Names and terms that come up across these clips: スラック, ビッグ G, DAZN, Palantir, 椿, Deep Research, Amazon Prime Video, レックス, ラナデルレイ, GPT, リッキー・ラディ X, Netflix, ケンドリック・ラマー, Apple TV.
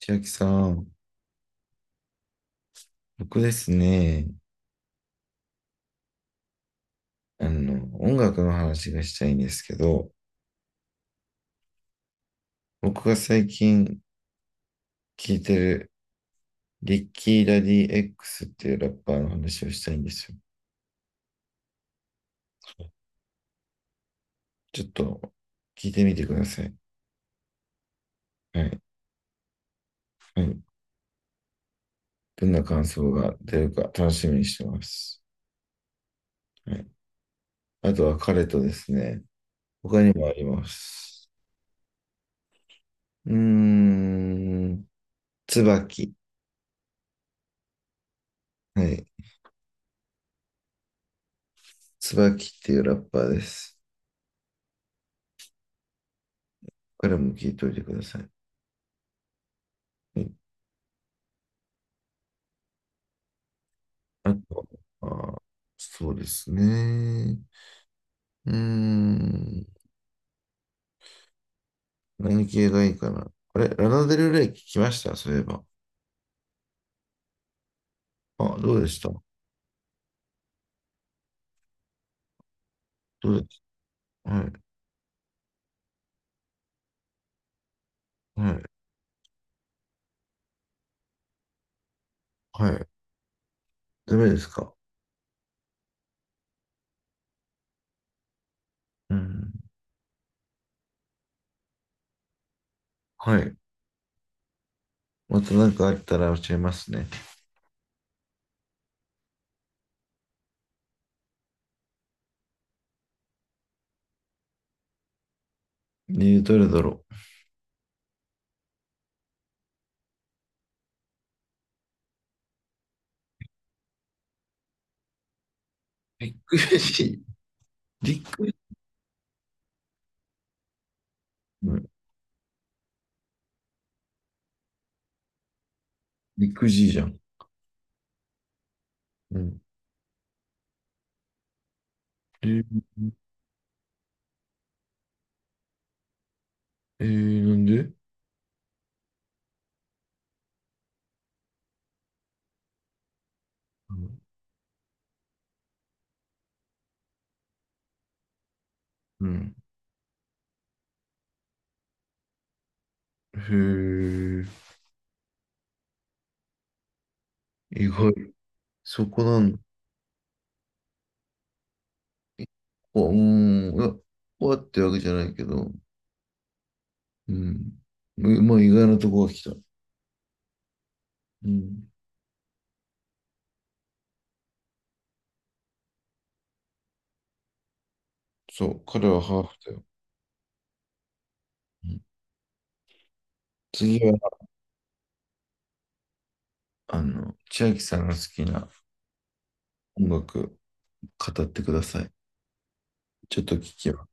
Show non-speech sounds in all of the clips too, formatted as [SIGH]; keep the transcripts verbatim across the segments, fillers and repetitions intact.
千秋さん、僕ですね、あの、音楽の話がしたいんですけど、僕が最近聴いてるリッキー・ラディ X っていうラッパーの話をしたいんですよ。ちょっと聞いてみてください。はい。はい。どんな感想が出るか楽しみにしてます。はい。あとは彼とですね、他にもあります。うーん、椿。はい。椿っていうラッパーです。彼も聞いておいてください。はい。あと、あ、そうですね。うーん。何系がいいかな。あれ、ラナデルレイ聞きましたそういえば。あ、どうでしたどうでしたはい、はい、はい。ダメですか？うん。はい。また何かあったら教えますね。ねえ、どれだろう。ビッグ G。ビッグ、うん、ビッグ G じゃん。うん。えー、えーなんでうん。うん。へえ、意外。そこなんだ。結構、うーん、いや、こうやってわけじゃないけど、うん。う、まあ、意外なとこが来た。うん。そう、彼はハーフだよ。うん。次は、あの、千秋さんが好きな音楽、語ってください。ちょっと聞きよ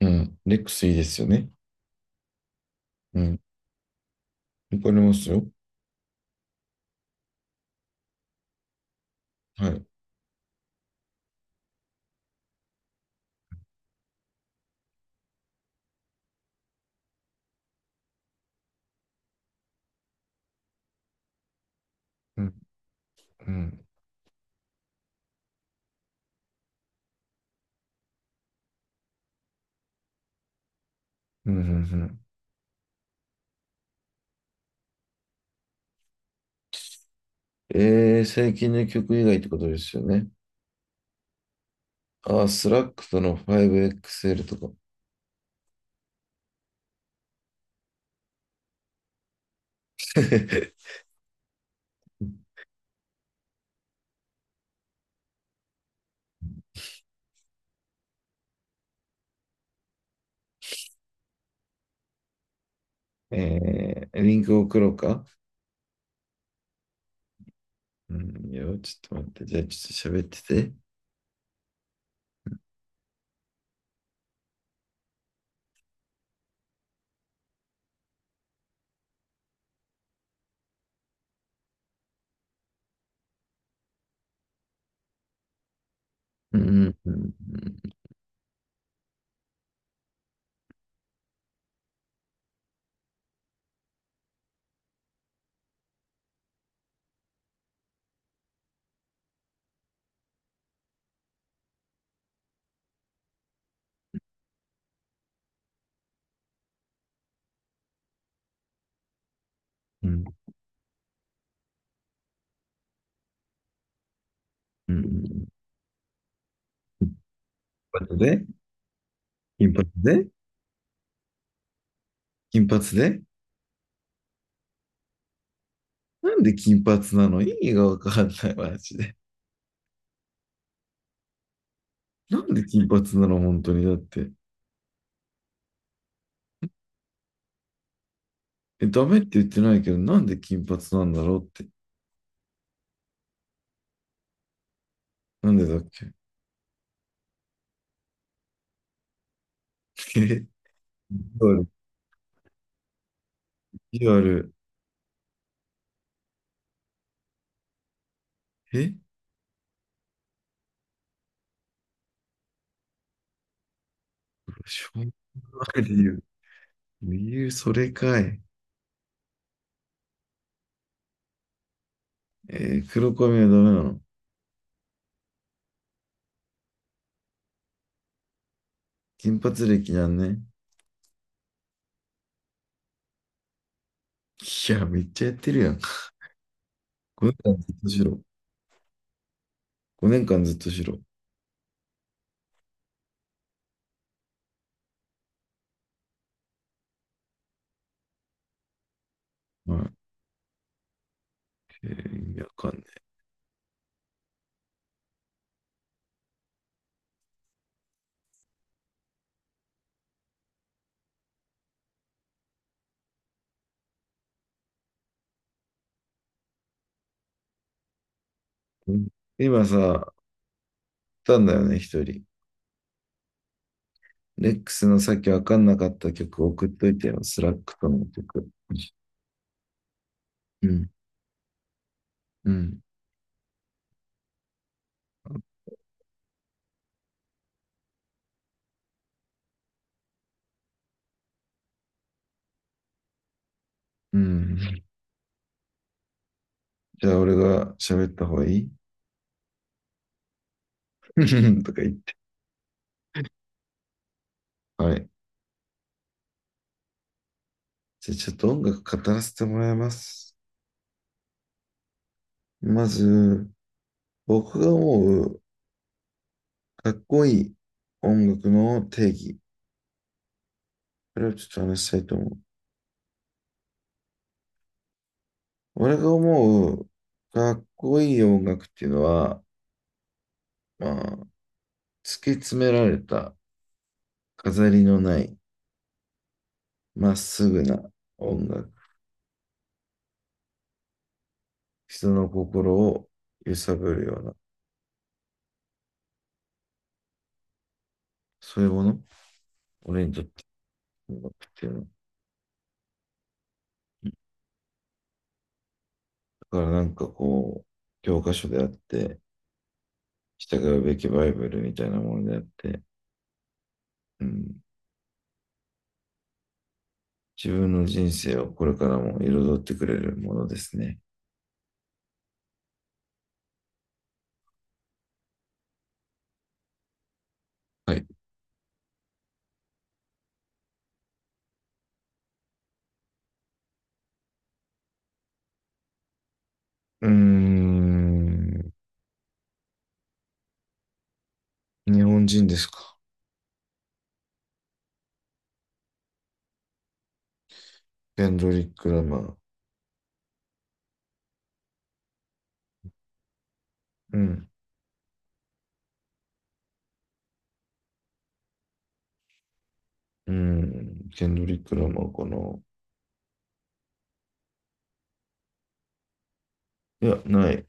う。うん。レックスいいですよね。うん。わかりますよ。はい。うん。うん。うん。うんうん、えー、最近の曲以外ってことですよね。ああ、スラックとの ファイブエックスエル とか。[LAUGHS] えー、リンク送ろうか？うんよ、ちょっと待って。じゃあ、ちょっと喋ってて。うん、うん、うん、うん。うん。金髪で、金髪で、金髪で、なんで金髪なの？意味がわかんない、マジで。なんで金髪なの本当に。だって。え、ダメって言ってないけど、なんで金髪なんだろうって。なんでだっけ？ [LAUGHS] え、意地悪。意地悪。え、しょうがない理由。理由、それかい。えー黒髪はダメなの？金髪歴なんね。いや、めっちゃやってるやん。ごねんかんずっと白。ごねんかんずっと白。はい。えー意味わかんない。うん。今さ、送ったんだよね、一人。レックスのさっきわかんなかった曲送っといてよ。スラックとの曲。うん。うん。うん。じゃあ、俺が喋った方がいい？ [LAUGHS] とか言って。はい。じゃあ、ちょっと音楽語らせてもらいます。まず、僕が思うかっこいい音楽の定義。これをちょっと話したいと思う。俺が思うかっこいい音楽っていうのは、まあ、突き詰められた飾りのないまっすぐな音楽。人の心を揺さぶるような、そういうもの。俺にとって音楽っていうのは。だからなんかこう、教科書であって、従うべきバイブルみたいなものであって、うん、自分の人生をこれからも彩ってくれるものですね。はい。うーん、日本人ですか？ケンドリック・ラマー。うん。うん。ケンドリック・ラマーかな。いや、ない。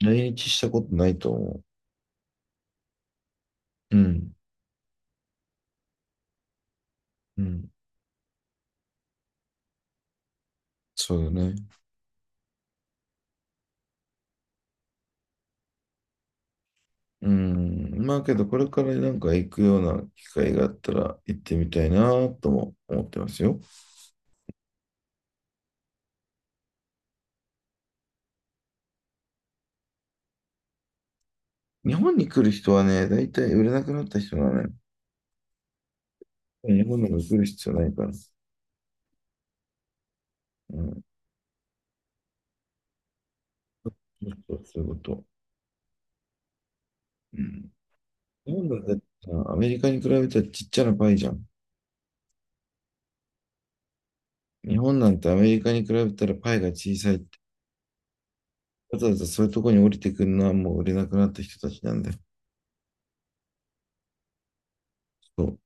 来日したことないと思う。うん。うん。そうだね。うん。まあけど、これからなんか行くような機会があったら行ってみたいなとも思ってますよ。日本に来る人はね、大体売れなくなった人なのよ。日本にも来る必要ないから。うん。そうそういうこと。うん。日本だってさアメリカに比べたらちっちゃなパイじゃん。日本なんてアメリカに比べたらパイが小さい。わざわざそういうところに降りてくるのはもう売れなくなった人たちなんで、そう